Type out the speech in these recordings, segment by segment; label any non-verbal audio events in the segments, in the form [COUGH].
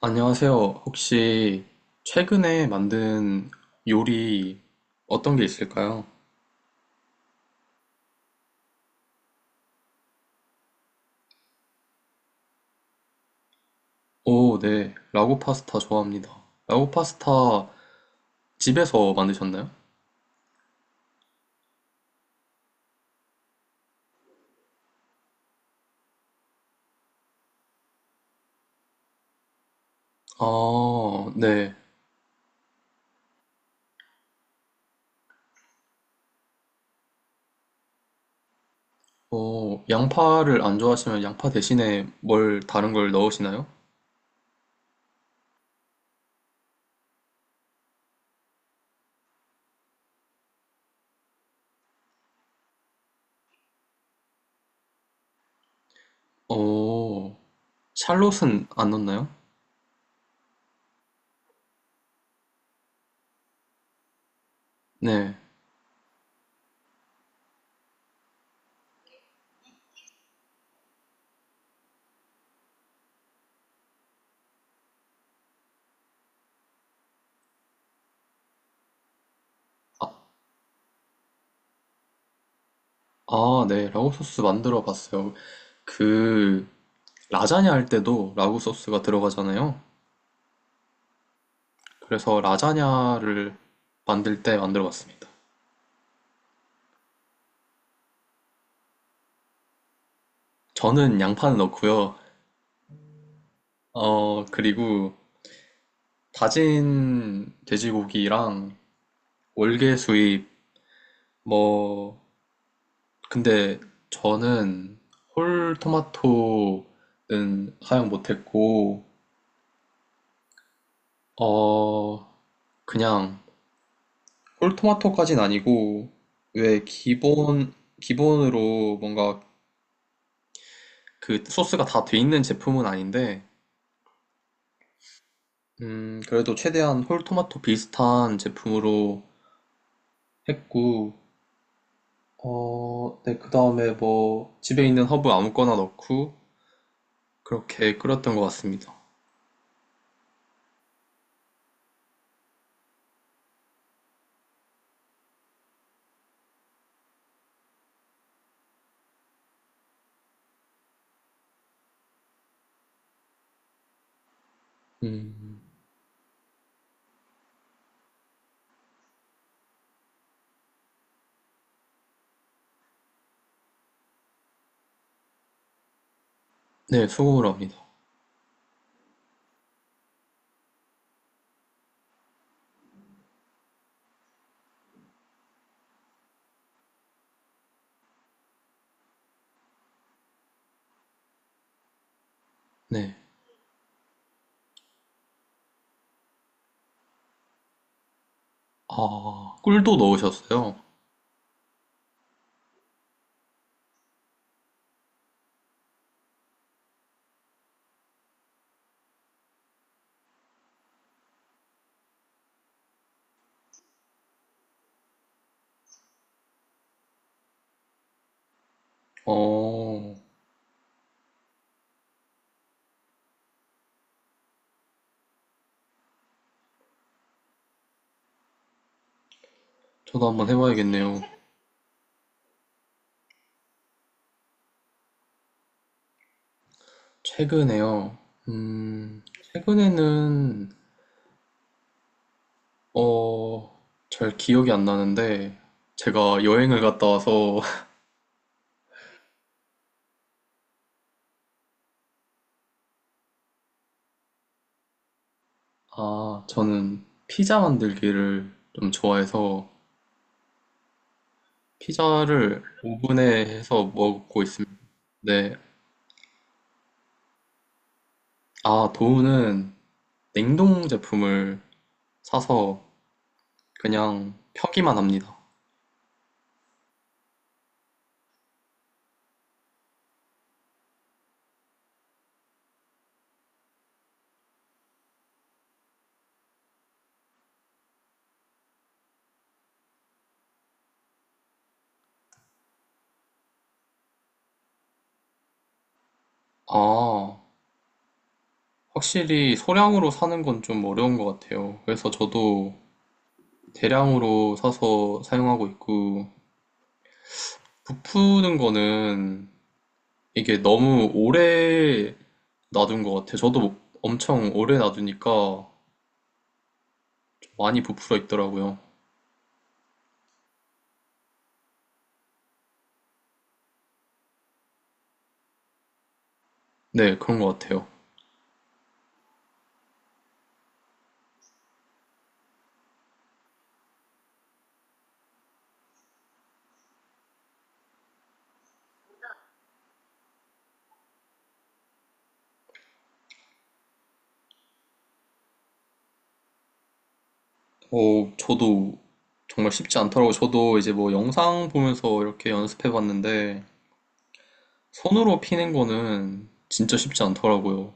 안녕하세요. 혹시 최근에 만든 요리 어떤 게 있을까요? 오, 네. 라구 파스타 좋아합니다. 라구 파스타 집에서 만드셨나요? 아, 네. 양파를 안 좋아하시면 양파 대신에 뭘 다른 걸 넣으시나요? 오, 샬롯은 안 넣나요? 네. 아, 아, 네. 라구 소스 만들어 봤어요. 그, 라자냐 할 때도 라구 소스가 들어가잖아요. 그래서 라자냐를 만들 때 만들어 봤습니다. 저는 양파는 넣고요. 그리고 다진 돼지고기랑 월계수잎, 뭐, 근데 저는 홀 토마토는 사용 못했고, 어, 그냥 홀 토마토까진 아니고, 왜 기본으로 뭔가 그 소스가 다 돼 있는 제품은 아닌데, 그래도 최대한 홀토마토 비슷한 제품으로 했고, 네, 그 다음에 뭐, 집에 있는 허브 아무거나 넣고, 그렇게 끓였던 것 같습니다. 음, 네, 소금으로 합니다. 네. 아, 꿀도 넣으셨어요? 어, 저도 한번 해봐야겠네요. 최근에요. 음, 최근에는, 잘 기억이 안 나는데, 제가 여행을 갔다 와서 아, 저는 피자 만들기를 좀 좋아해서 피자를 오븐에 해서 먹고 있습니다. 네. 아, 도우는 냉동 제품을 사서 그냥 펴기만 합니다. 아, 확실히 소량으로 사는 건 좀 어려운 것 같아요. 그래서 저도 대량으로 사서 사용하고 있고, 부푸는 거는 이게 너무 오래 놔둔 것 같아요. 저도 엄청 오래 놔두니까 많이 부풀어 있더라고요. 네, 그런 것 같아요. 저도 정말 쉽지 않더라고요. 저도 이제 뭐 영상 보면서 이렇게 연습해 봤는데 손으로 피는 거는 진짜 쉽지 않더라고요.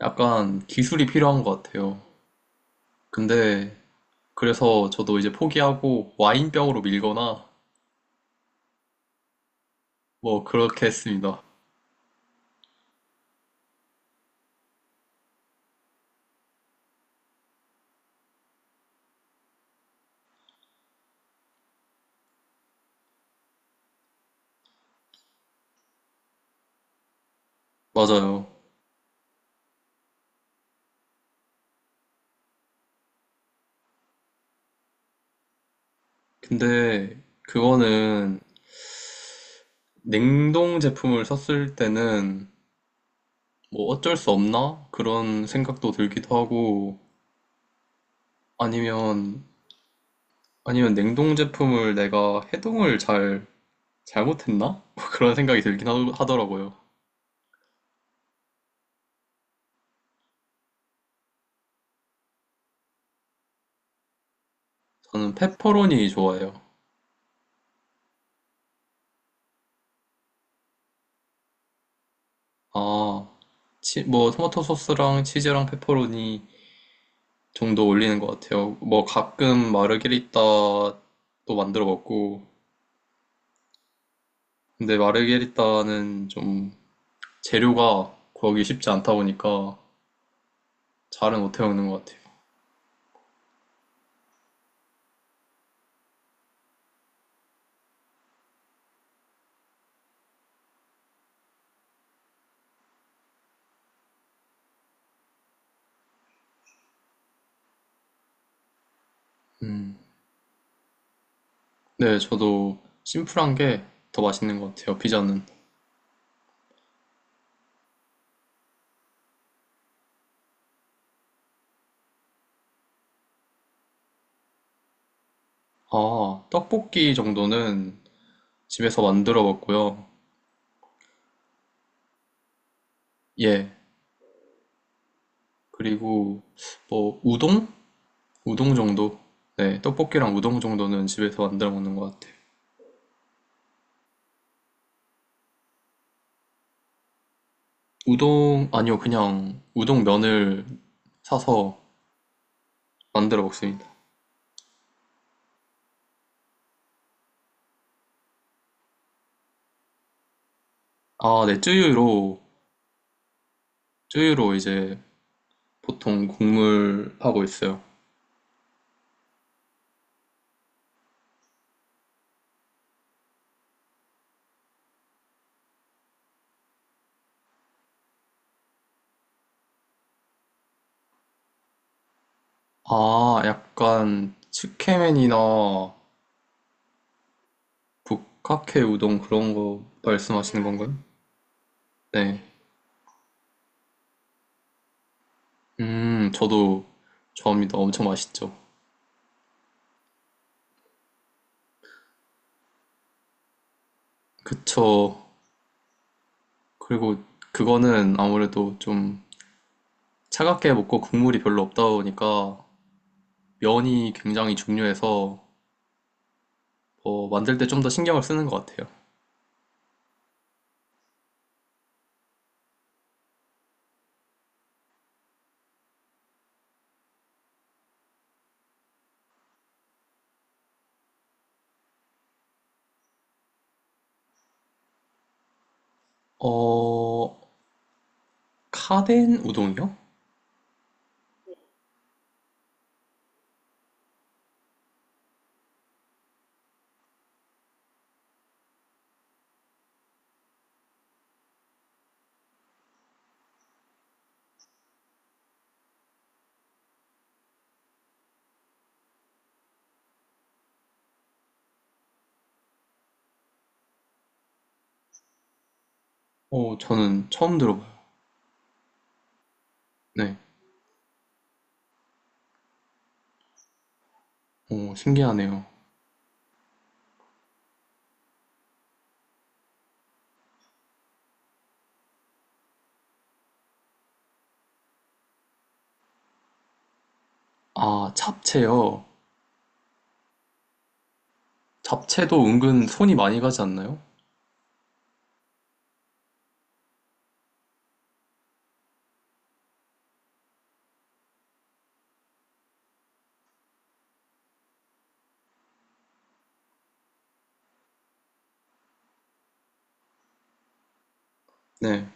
약간 기술이 필요한 것 같아요. 근데 그래서 저도 이제 포기하고 와인병으로 밀거나 뭐 그렇게 했습니다. 맞아요. 근데 그거는 냉동 제품을 썼을 때는 뭐 어쩔 수 없나? 그런 생각도 들기도 하고 아니면, 아니면 냉동 제품을 내가 해동을 잘, 잘못했나? [LAUGHS] 뭐 그런 생각이 들긴 하더라고요. 저는 페퍼로니 좋아해요. 아, 치, 뭐, 토마토 소스랑 치즈랑 페퍼로니 정도 올리는 것 같아요. 뭐, 가끔 마르게리따도 만들어 먹고, 근데 마르게리따는 좀 재료가 구하기 쉽지 않다 보니까 잘은 못해 먹는 것 같아요. 음, 네, 저도 심플한 게 더 맛있는 것 같아요, 피자는. 아, 떡볶이 정도는 집에서 만들어 먹고요. 예. 그리고 뭐 우동? 우동 정도? 네, 떡볶이랑 우동 정도는 집에서 만들어 먹는 것 같아요. 우동 아니요, 그냥 우동 면을 사서 만들어 먹습니다. 아, 네, 쯔유로 이제 보통 국물 하고 있어요. 아, 약간 츠케맨이나 북카케 우동 그런 거 말씀하시는 건가요? 네. 저도 좋아합니다. 엄청 맛있죠. 그쵸. 그리고 그거는 아무래도 좀 차갑게 먹고 국물이 별로 없다 보니까 면이 굉장히 중요해서 만들 때 좀 더 신경을 쓰는 것 같아요. 어, 카덴 우동이요? 어, 저는 처음 들어봐요. 네. 어, 신기하네요. 아, 잡채요. 잡채도 은근 손이 많이 가지 않나요? 네.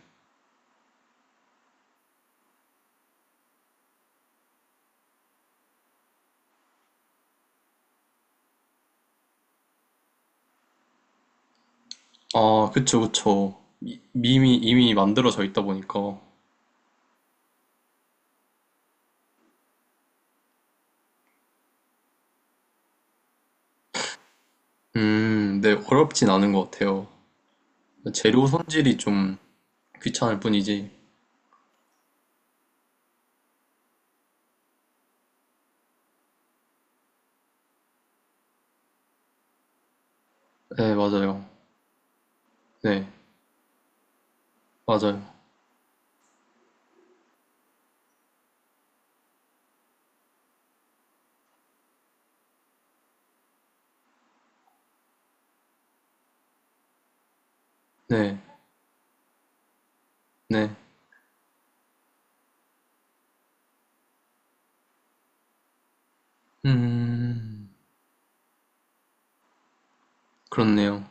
아, 그쵸, 그쵸. 이미 만들어져 있다 보니까. 네, 어렵진 않은 것 같아요. 재료 손질이 좀 귀찮을 뿐이지. 네, 맞아요. 네, 맞아요. 네, 네. 음, 그렇네요.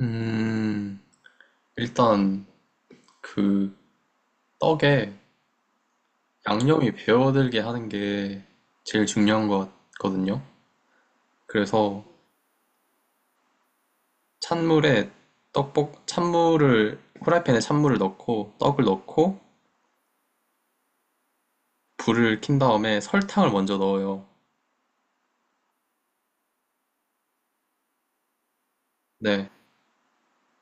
음, 일단 그 떡에 양념이 배어들게 하는 게 제일 중요한 것 같거든요. 그래서 찬물에 후라이팬에 찬물을 넣고 떡을 넣고 불을 킨 다음에 설탕을 먼저 넣어요. 네,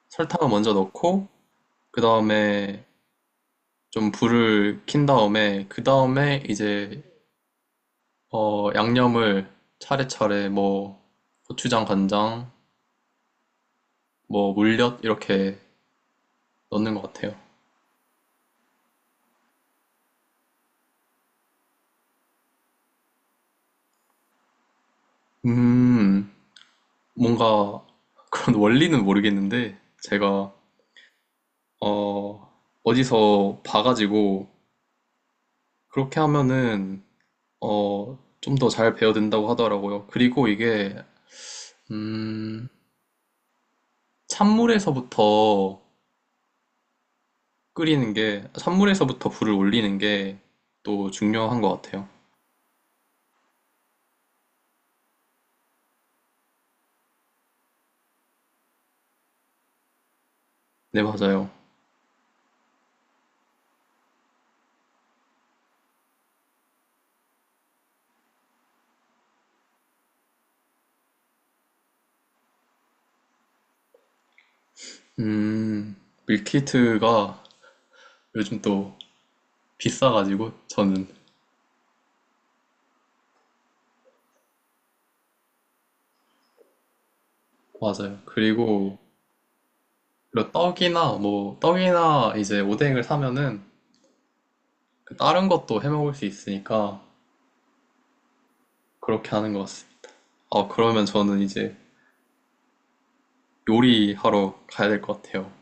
설탕을 먼저 넣고 그 다음에 좀 불을 킨 다음에 그 다음에 이제 양념을 차례차례 뭐 고추장, 간장, 뭐 물엿 이렇게 넣는 것 같아요. 음, 뭔가 그런 원리는 모르겠는데 제가 어, 어디서 봐가지고 그렇게 하면은 어, 좀 더 잘 배어든다고 하더라고요. 그리고 이게 음, 찬물에서부터 끓이는 게 산물에서부터 불을 올리는 게 또 중요한 것 같아요. 네, 맞아요. 음, 밀키트가 요즘 또 비싸가지고 저는 맞아요. 그리고 떡이나 이제 오뎅을 사면은 그 다른 것도 해 먹을 수 있으니까 그렇게 하는 것 같습니다. 아, 그러면 저는 이제 요리하러 가야 될 것 같아요.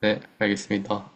네, 알겠습니다.